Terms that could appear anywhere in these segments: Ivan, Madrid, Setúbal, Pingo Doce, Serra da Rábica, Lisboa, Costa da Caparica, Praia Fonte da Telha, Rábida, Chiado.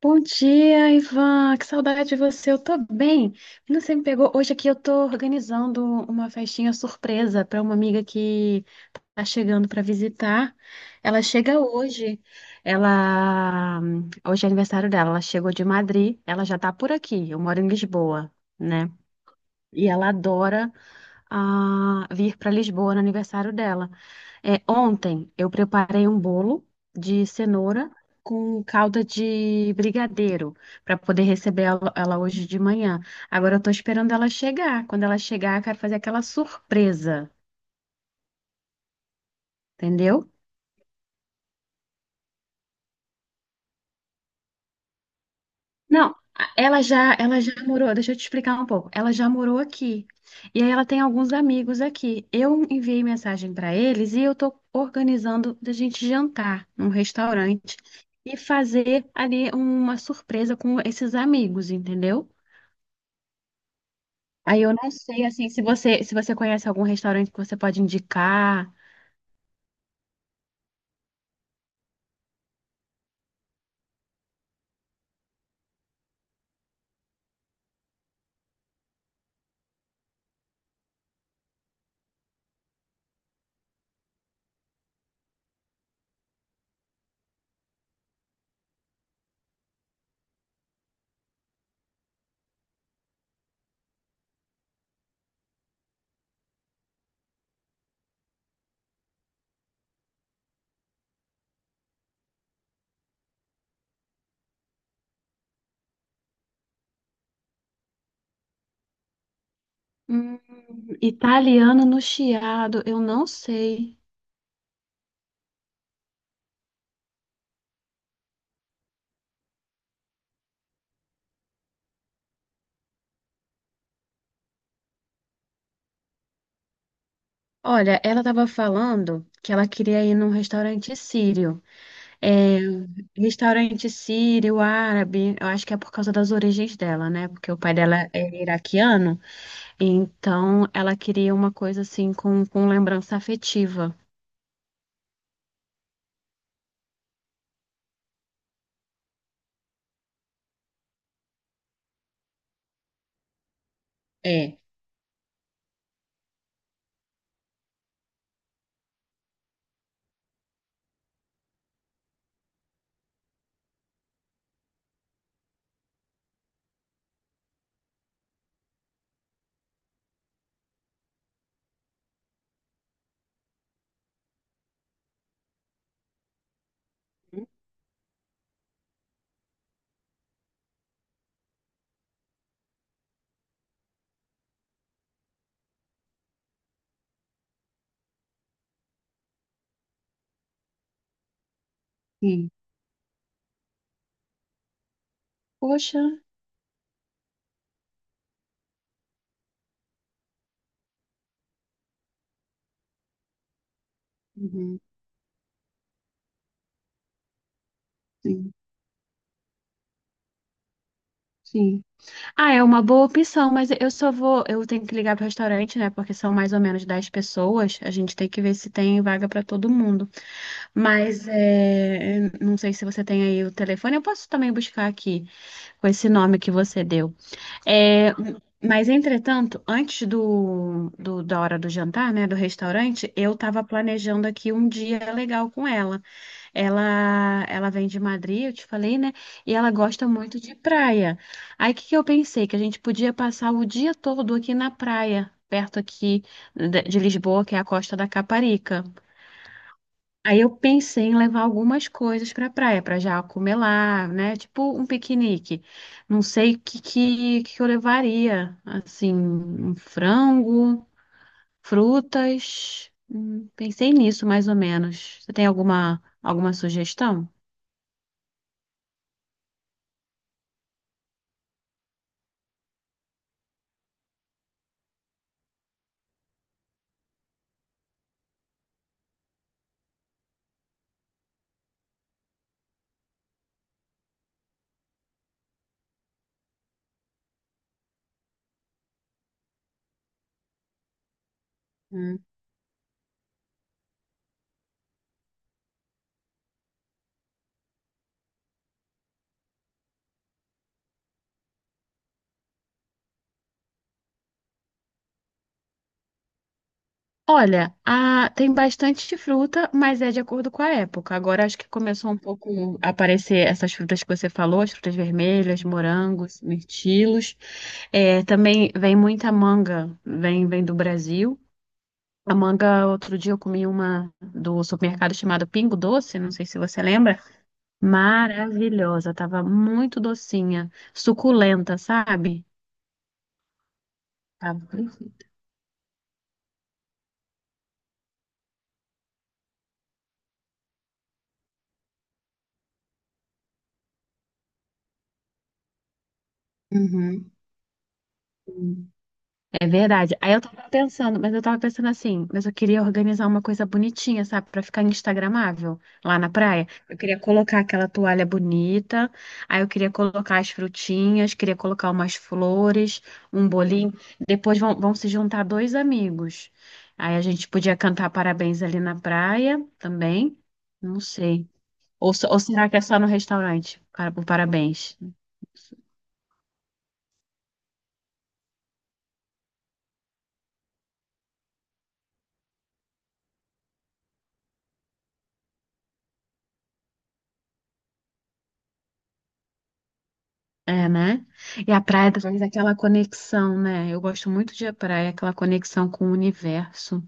Bom dia, Ivan. Que saudade de você. Eu tô bem. Você me pegou hoje aqui. Eu tô organizando uma festinha surpresa para uma amiga que tá chegando para visitar. Ela chega hoje. Ela Hoje é aniversário dela. Ela chegou de Madrid. Ela já tá por aqui. Eu moro em Lisboa, né? E ela adora vir para Lisboa no aniversário dela. É, ontem eu preparei um bolo de cenoura com calda de brigadeiro para poder receber ela hoje de manhã. Agora eu tô esperando ela chegar. Quando ela chegar, eu quero fazer aquela surpresa, entendeu? Não, ela já morou, deixa eu te explicar um pouco. Ela já morou aqui. E aí ela tem alguns amigos aqui. Eu enviei mensagem para eles e eu tô organizando da gente jantar num restaurante e fazer ali uma surpresa com esses amigos, entendeu? Aí eu não sei assim se você conhece algum restaurante que você pode indicar. Hum, Italiano no Chiado, eu não sei. Olha, ela estava falando que ela queria ir num restaurante sírio. É, restaurante sírio, árabe, eu acho que é por causa das origens dela, né? Porque o pai dela é iraquiano, então ela queria uma coisa assim com lembrança afetiva. É, sim. Poxa. Uhum, sim, sim. Ah, é uma boa opção, mas eu só vou. Eu tenho que ligar pro restaurante, né? Porque são mais ou menos 10 pessoas. A gente tem que ver se tem vaga para todo mundo. Mas é, não sei se você tem aí o telefone. Eu posso também buscar aqui com esse nome que você deu. É, mas, entretanto, antes da hora do jantar, né, do restaurante, eu estava planejando aqui um dia legal com ela. Ela vem de Madrid, eu te falei, né? E ela gosta muito de praia. Aí, o que que eu pensei? Que a gente podia passar o dia todo aqui na praia, perto aqui de Lisboa, que é a Costa da Caparica. Aí eu pensei em levar algumas coisas para praia, para já comer lá, né? Tipo um piquenique. Não sei o que eu levaria. Assim, um frango, frutas. Pensei nisso mais ou menos. Você tem alguma sugestão? Olha, tem bastante fruta, mas é de acordo com a época. Agora acho que começou um pouco a aparecer essas frutas que você falou, as frutas vermelhas, morangos, mirtilos. É, também vem muita manga, vem do Brasil. A manga, outro dia eu comi uma do supermercado chamado Pingo Doce, não sei se você lembra. Maravilhosa, tava muito docinha, suculenta, sabe? Tava perfeito. Uhum. É verdade. Aí eu tava pensando, mas eu tava pensando assim, mas eu queria organizar uma coisa bonitinha, sabe, pra ficar instagramável lá na praia. Eu queria colocar aquela toalha bonita, aí eu queria colocar as frutinhas, queria colocar umas flores, um bolinho. Depois vão se juntar dois amigos. Aí a gente podia cantar parabéns ali na praia também. Não sei. Ou, ou será que é só no restaurante? Para, o parabéns. É, né? E a praia traz aquela conexão, né? Eu gosto muito de praia, aquela conexão com o universo.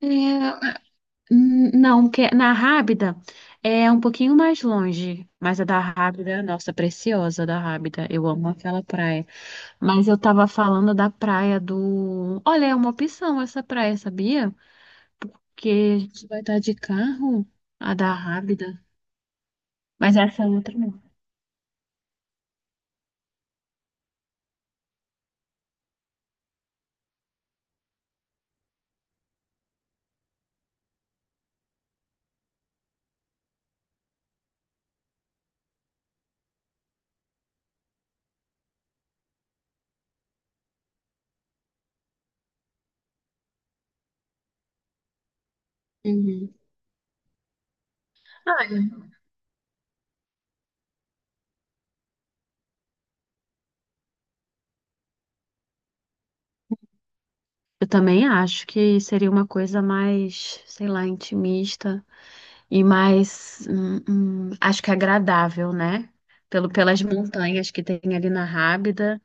É, não, porque na Rábida é um pouquinho mais longe, mas a da Rábida, nossa, preciosa da Rábida, eu amo aquela praia. Mas eu tava falando da praia do. Olha, é uma opção essa praia, sabia? Porque a gente vai estar de carro, a da Rábida, mas essa é outra não. Uhum. Ah, eu também acho que seria uma coisa mais, sei lá, intimista e mais, acho que agradável, né? Pelo, pelas montanhas que tem ali na Rábida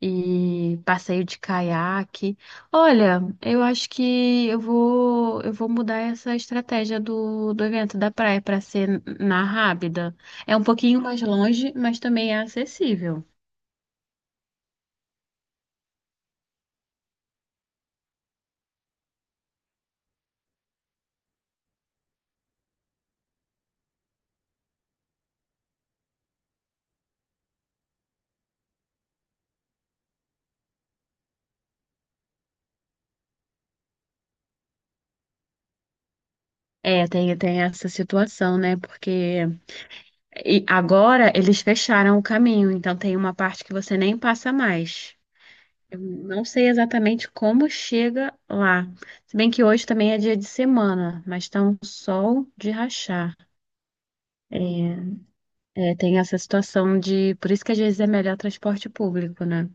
e passeio de caiaque. Olha, eu acho que eu vou mudar essa estratégia do evento da praia para ser na Rábida. É um pouquinho mais longe, mas também é acessível. É, tem, tem essa situação, né? Porque e agora eles fecharam o caminho, então tem uma parte que você nem passa mais. Eu não sei exatamente como chega lá. Se bem que hoje também é dia de semana, mas tá um sol de rachar. É, é, tem essa situação de. Por isso que às vezes é melhor transporte público, né?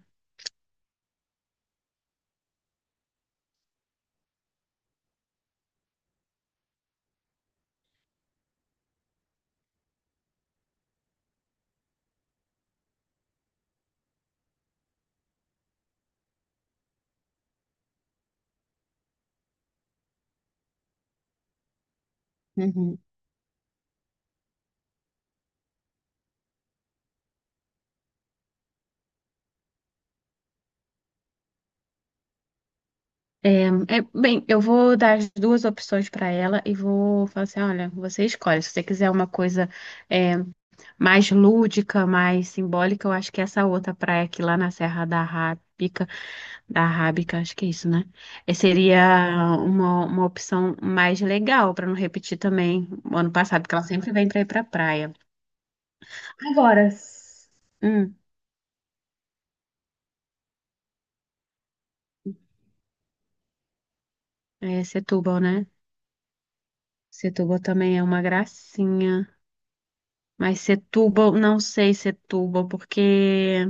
Uhum. É, é, bem, eu vou dar as duas opções para ela e vou falar assim: olha, você escolhe. Se você quiser uma coisa é, mais lúdica, mais simbólica, eu acho que essa outra praia aqui lá na Serra da Rábica, acho que é isso, né? Eh, seria uma opção mais legal para não repetir também o ano passado, porque ela sempre vem para ir para praia. Agora, Hum, é Setúbal, né? Setúbal também é uma gracinha. Mas Setúbal, não sei Setúbal, porque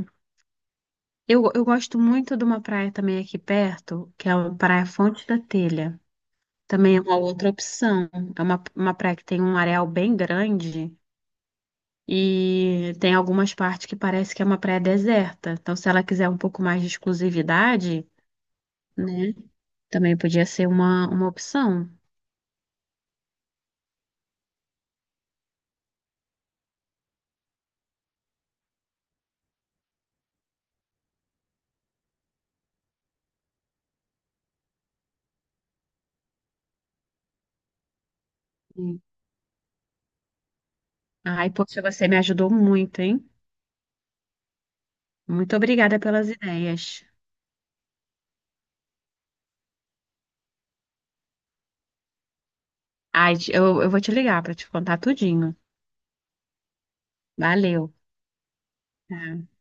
eu gosto muito de uma praia também aqui perto, que é a Praia Fonte da Telha. Também é uma outra opção. É uma praia que tem um areal bem grande e tem algumas partes que parece que é uma praia deserta. Então, se ela quiser um pouco mais de exclusividade, né, também podia ser uma opção. Sim. Ai, poxa, você me ajudou muito, hein? Muito obrigada pelas ideias. Ai, eu vou te ligar para te contar tudinho. Valeu. Tá.